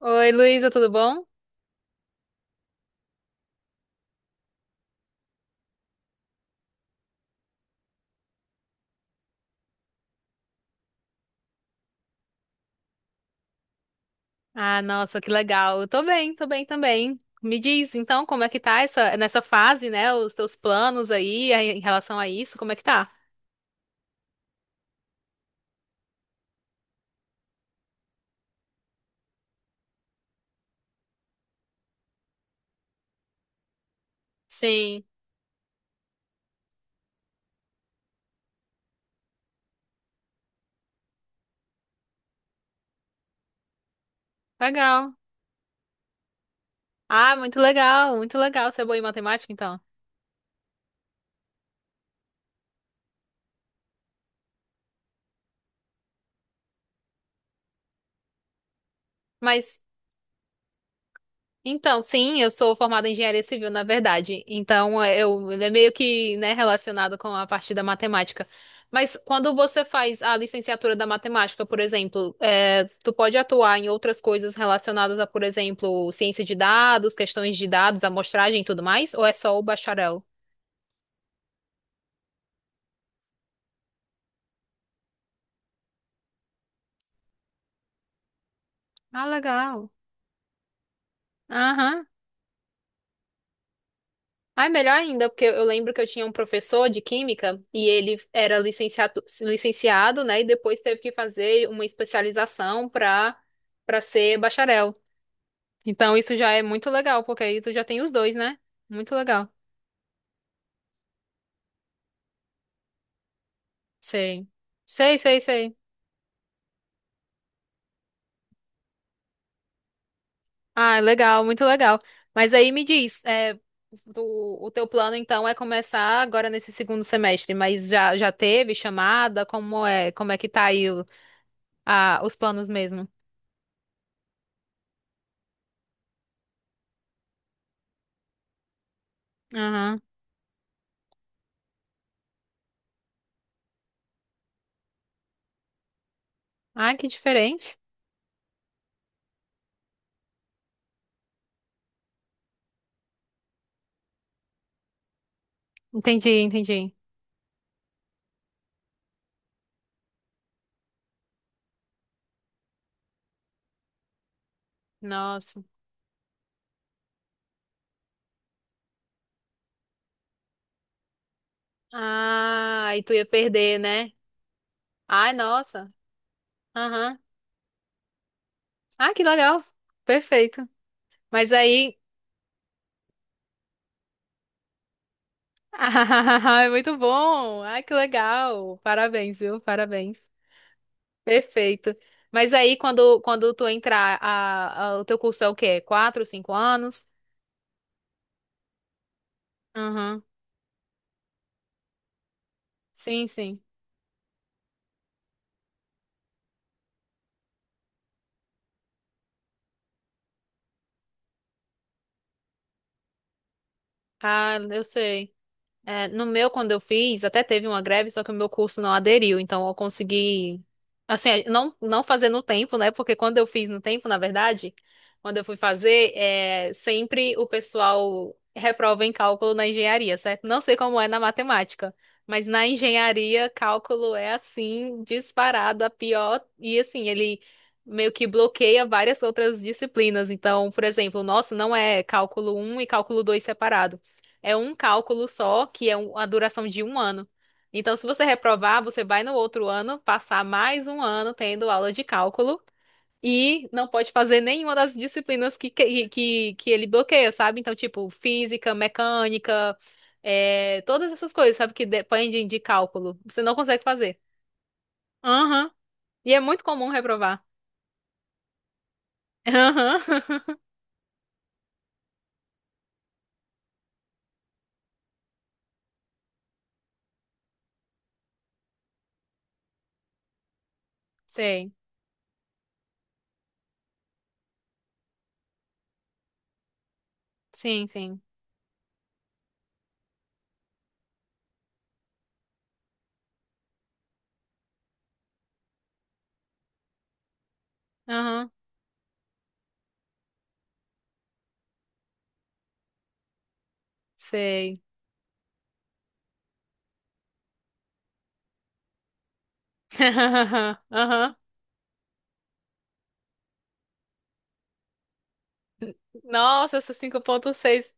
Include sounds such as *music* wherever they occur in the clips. Oi, Luísa, tudo bom? Ah, nossa, que legal. Eu tô bem também. Me diz, então, como é que tá nessa fase, né? Os teus planos aí em relação a isso, como é que tá? Sim, legal. Ah, muito legal, muito legal. Você é boa em matemática, então? Mas Então, sim, eu sou formada em engenharia civil, na verdade. Então, ele é meio que, né, relacionado com a parte da matemática. Mas quando você faz a licenciatura da matemática, por exemplo, tu pode atuar em outras coisas relacionadas a, por exemplo, ciência de dados, questões de dados, amostragem e tudo mais? Ou é só o bacharel? Ah, legal. Aham. Ah, é melhor ainda, porque eu lembro que eu tinha um professor de química e ele era licenciado, licenciado, né? E depois teve que fazer uma especialização para ser bacharel. Então isso já é muito legal, porque aí tu já tem os dois, né? Muito legal. Sei. Sei, sei, sei. Ah, é legal, muito legal. Mas aí me diz, o teu plano então é começar agora nesse segundo semestre, mas já teve chamada? Como é? Como é que tá aí os planos mesmo? Ah, que diferente. Entendi, entendi. Nossa. Ah, e tu ia perder, né? Ai, nossa. Aham. Ah, que legal. Perfeito. Mas aí. *laughs* Ah, é muito bom. Ah, que legal. Parabéns, viu? Parabéns. Perfeito. Mas aí, quando tu entrar, o teu curso é o quê? 4, 5 anos? Aham. Sim, sim. Ah, eu sei. É, no meu, quando eu fiz, até teve uma greve, só que o meu curso não aderiu, então eu consegui, assim, não, não fazer no tempo, né? Porque quando eu fiz no tempo, na verdade, quando eu fui fazer, sempre o pessoal reprova em cálculo na engenharia, certo? Não sei como é na matemática, mas na engenharia, cálculo é assim, disparado, a pior, e assim, ele meio que bloqueia várias outras disciplinas. Então, por exemplo, o nosso não é cálculo 1 e cálculo 2 separado. É um cálculo só, que é a duração de um ano. Então, se você reprovar, você vai no outro ano passar mais um ano tendo aula de cálculo e não pode fazer nenhuma das disciplinas que ele bloqueia, sabe? Então, tipo, física, mecânica, todas essas coisas, sabe, que dependem de cálculo. Você não consegue fazer. Aham. E é muito comum reprovar. Aham. *laughs* Sei. Sim, sim. Aham. Sei. *laughs* Aham. Nossa, essa 5,6.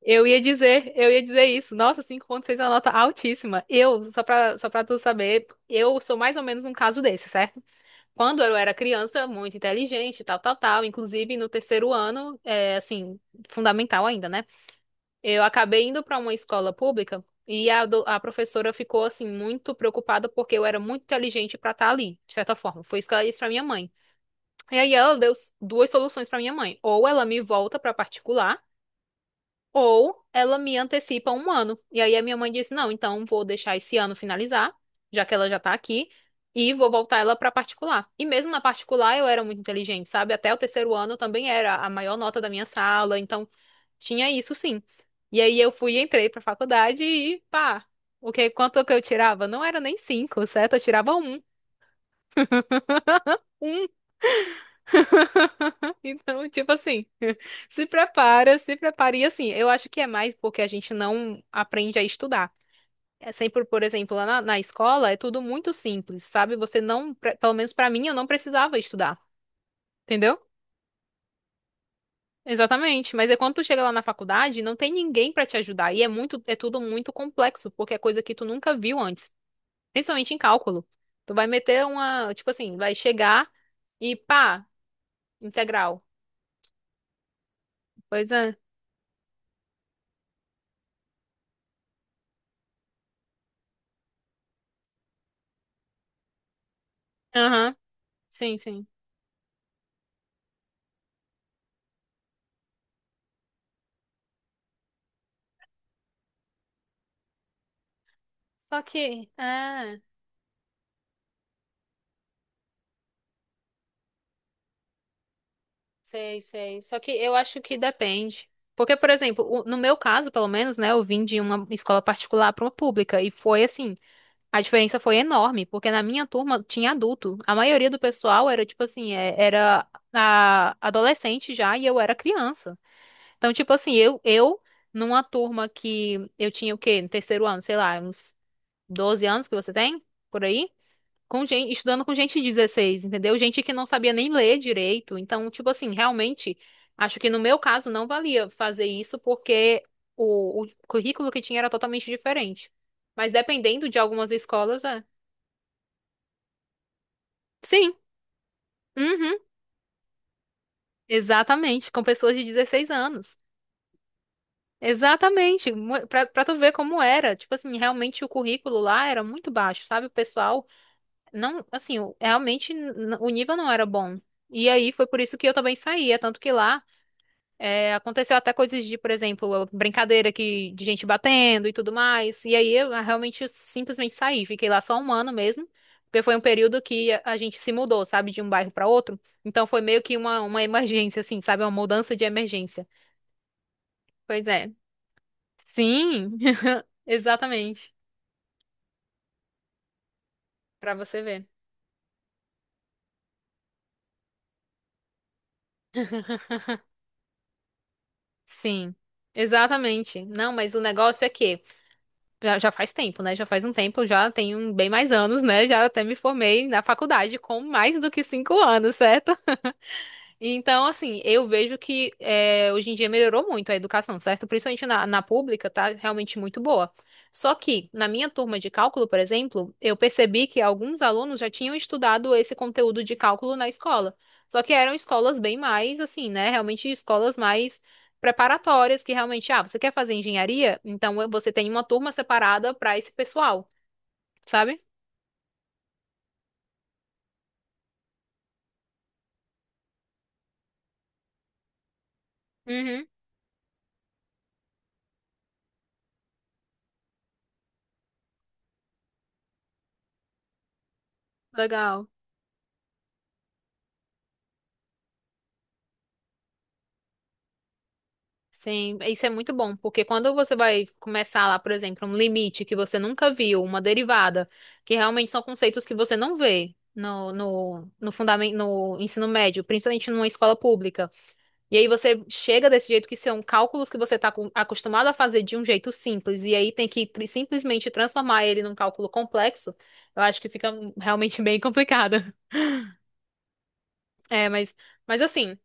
Eu ia dizer isso. Nossa, 5,6 é uma nota altíssima. Só pra tu saber, eu sou mais ou menos um caso desse, certo? Quando eu era criança, muito inteligente, tal, tal, tal. Inclusive, no terceiro ano, assim, fundamental ainda, né? Eu acabei indo pra uma escola pública e a professora ficou, assim, muito preocupada porque eu era muito inteligente pra estar ali, de certa forma. Foi isso que ela disse pra minha mãe. E aí ela deu duas soluções pra minha mãe. Ou ela me volta pra particular ou ela me antecipa um ano. E aí a minha mãe disse: não, então vou deixar esse ano finalizar, já que ela já tá aqui, e vou voltar ela pra particular. E mesmo na particular eu era muito inteligente, sabe? Até o terceiro ano eu também era a maior nota da minha sala, então tinha isso sim. E aí eu fui, entrei pra faculdade e pá, quanto que eu tirava? Não era nem 5, certo? Eu tirava 1. 1. *laughs* Então, tipo assim. *laughs* Se prepara, se prepara. E assim, eu acho que é mais porque a gente não aprende a estudar. É sempre, por exemplo, lá na escola é tudo muito simples, sabe? Você não, pelo menos pra mim, eu não precisava estudar, entendeu? Exatamente. Mas é quando tu chega lá na faculdade, não tem ninguém pra te ajudar e é tudo muito complexo, porque é coisa que tu nunca viu antes, principalmente em cálculo. Tu vai meter uma, tipo assim, vai chegar e pá, integral. Pois é. Aham. Sim, sim. Só que, é. Sei, sei. Só que eu acho que depende. Porque, por exemplo, no meu caso, pelo menos, né, eu vim de uma escola particular para uma pública e foi assim, a diferença foi enorme, porque na minha turma tinha adulto. A maioria do pessoal era tipo assim, era adolescente já e eu era criança. Então, tipo assim, eu numa turma que eu tinha o quê? No terceiro ano, sei lá, uns 12 anos que você tem por aí? Com gente, estudando com gente de 16, entendeu? Gente que não sabia nem ler direito. Então, tipo assim, realmente, acho que no meu caso não valia fazer isso porque o currículo que tinha era totalmente diferente. Mas dependendo de algumas escolas, é. Sim, uhum, exatamente, com pessoas de 16 anos. Exatamente, pra tu ver como era. Tipo assim, realmente o currículo lá era muito baixo, sabe? O pessoal não, assim, realmente o nível não era bom. E aí foi por isso que eu também saía, tanto que lá. É, aconteceu até coisas de, por exemplo, brincadeira que, de gente batendo e tudo mais. E aí eu realmente simplesmente saí, fiquei lá só um ano mesmo, porque foi um período que a gente se mudou, sabe, de um bairro para outro. Então foi meio que uma emergência, assim, sabe, uma mudança de emergência. Pois é. Sim. *laughs* Exatamente. Pra você ver. Sim, exatamente. Não, mas o negócio é que já faz tempo, né? Já faz um tempo, já tenho bem mais anos, né? Já até me formei na faculdade com mais do que 5 anos, certo? Então, assim, eu vejo que hoje em dia melhorou muito a educação, certo? Principalmente na pública, tá realmente muito boa. Só que, na minha turma de cálculo, por exemplo, eu percebi que alguns alunos já tinham estudado esse conteúdo de cálculo na escola. Só que eram escolas bem mais, assim, né? Realmente escolas mais preparatórias, que realmente, ah, você quer fazer engenharia? Então você tem uma turma separada para esse pessoal, sabe? Uhum, legal. Sim, isso é muito bom, porque quando você vai começar lá, por exemplo, um limite que você nunca viu, uma derivada, que realmente são conceitos que você não vê no fundamento, no ensino médio, principalmente numa escola pública. E aí você chega desse jeito que são cálculos que você está acostumado a fazer de um jeito simples, e aí tem que simplesmente transformar ele num cálculo complexo, eu acho que fica realmente *laughs* bem complicado. É, mas assim.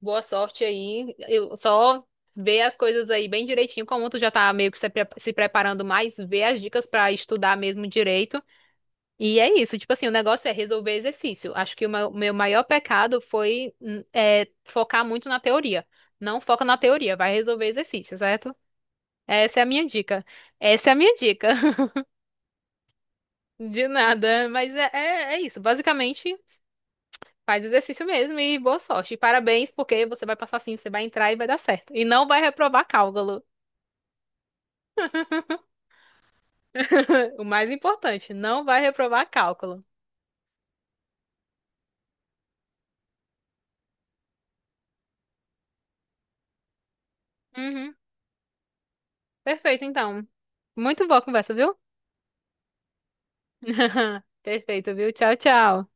Boa sorte aí. Eu só vê as coisas aí bem direitinho, como tu já tá meio que se preparando mais, vê as dicas pra estudar mesmo direito. E é isso, tipo assim, o negócio é resolver exercício. Acho que o meu maior pecado foi focar muito na teoria. Não foca na teoria, vai resolver exercício, certo? Essa é a minha dica. Essa é a minha dica. *laughs* De nada, mas é isso. Basicamente, faz exercício mesmo e boa sorte. E parabéns, porque você vai passar sim, você vai entrar e vai dar certo. E não vai reprovar cálculo. *laughs* O mais importante, não vai reprovar cálculo. Uhum. Perfeito, então. Muito boa a conversa, viu? *laughs* Perfeito, viu? Tchau, tchau.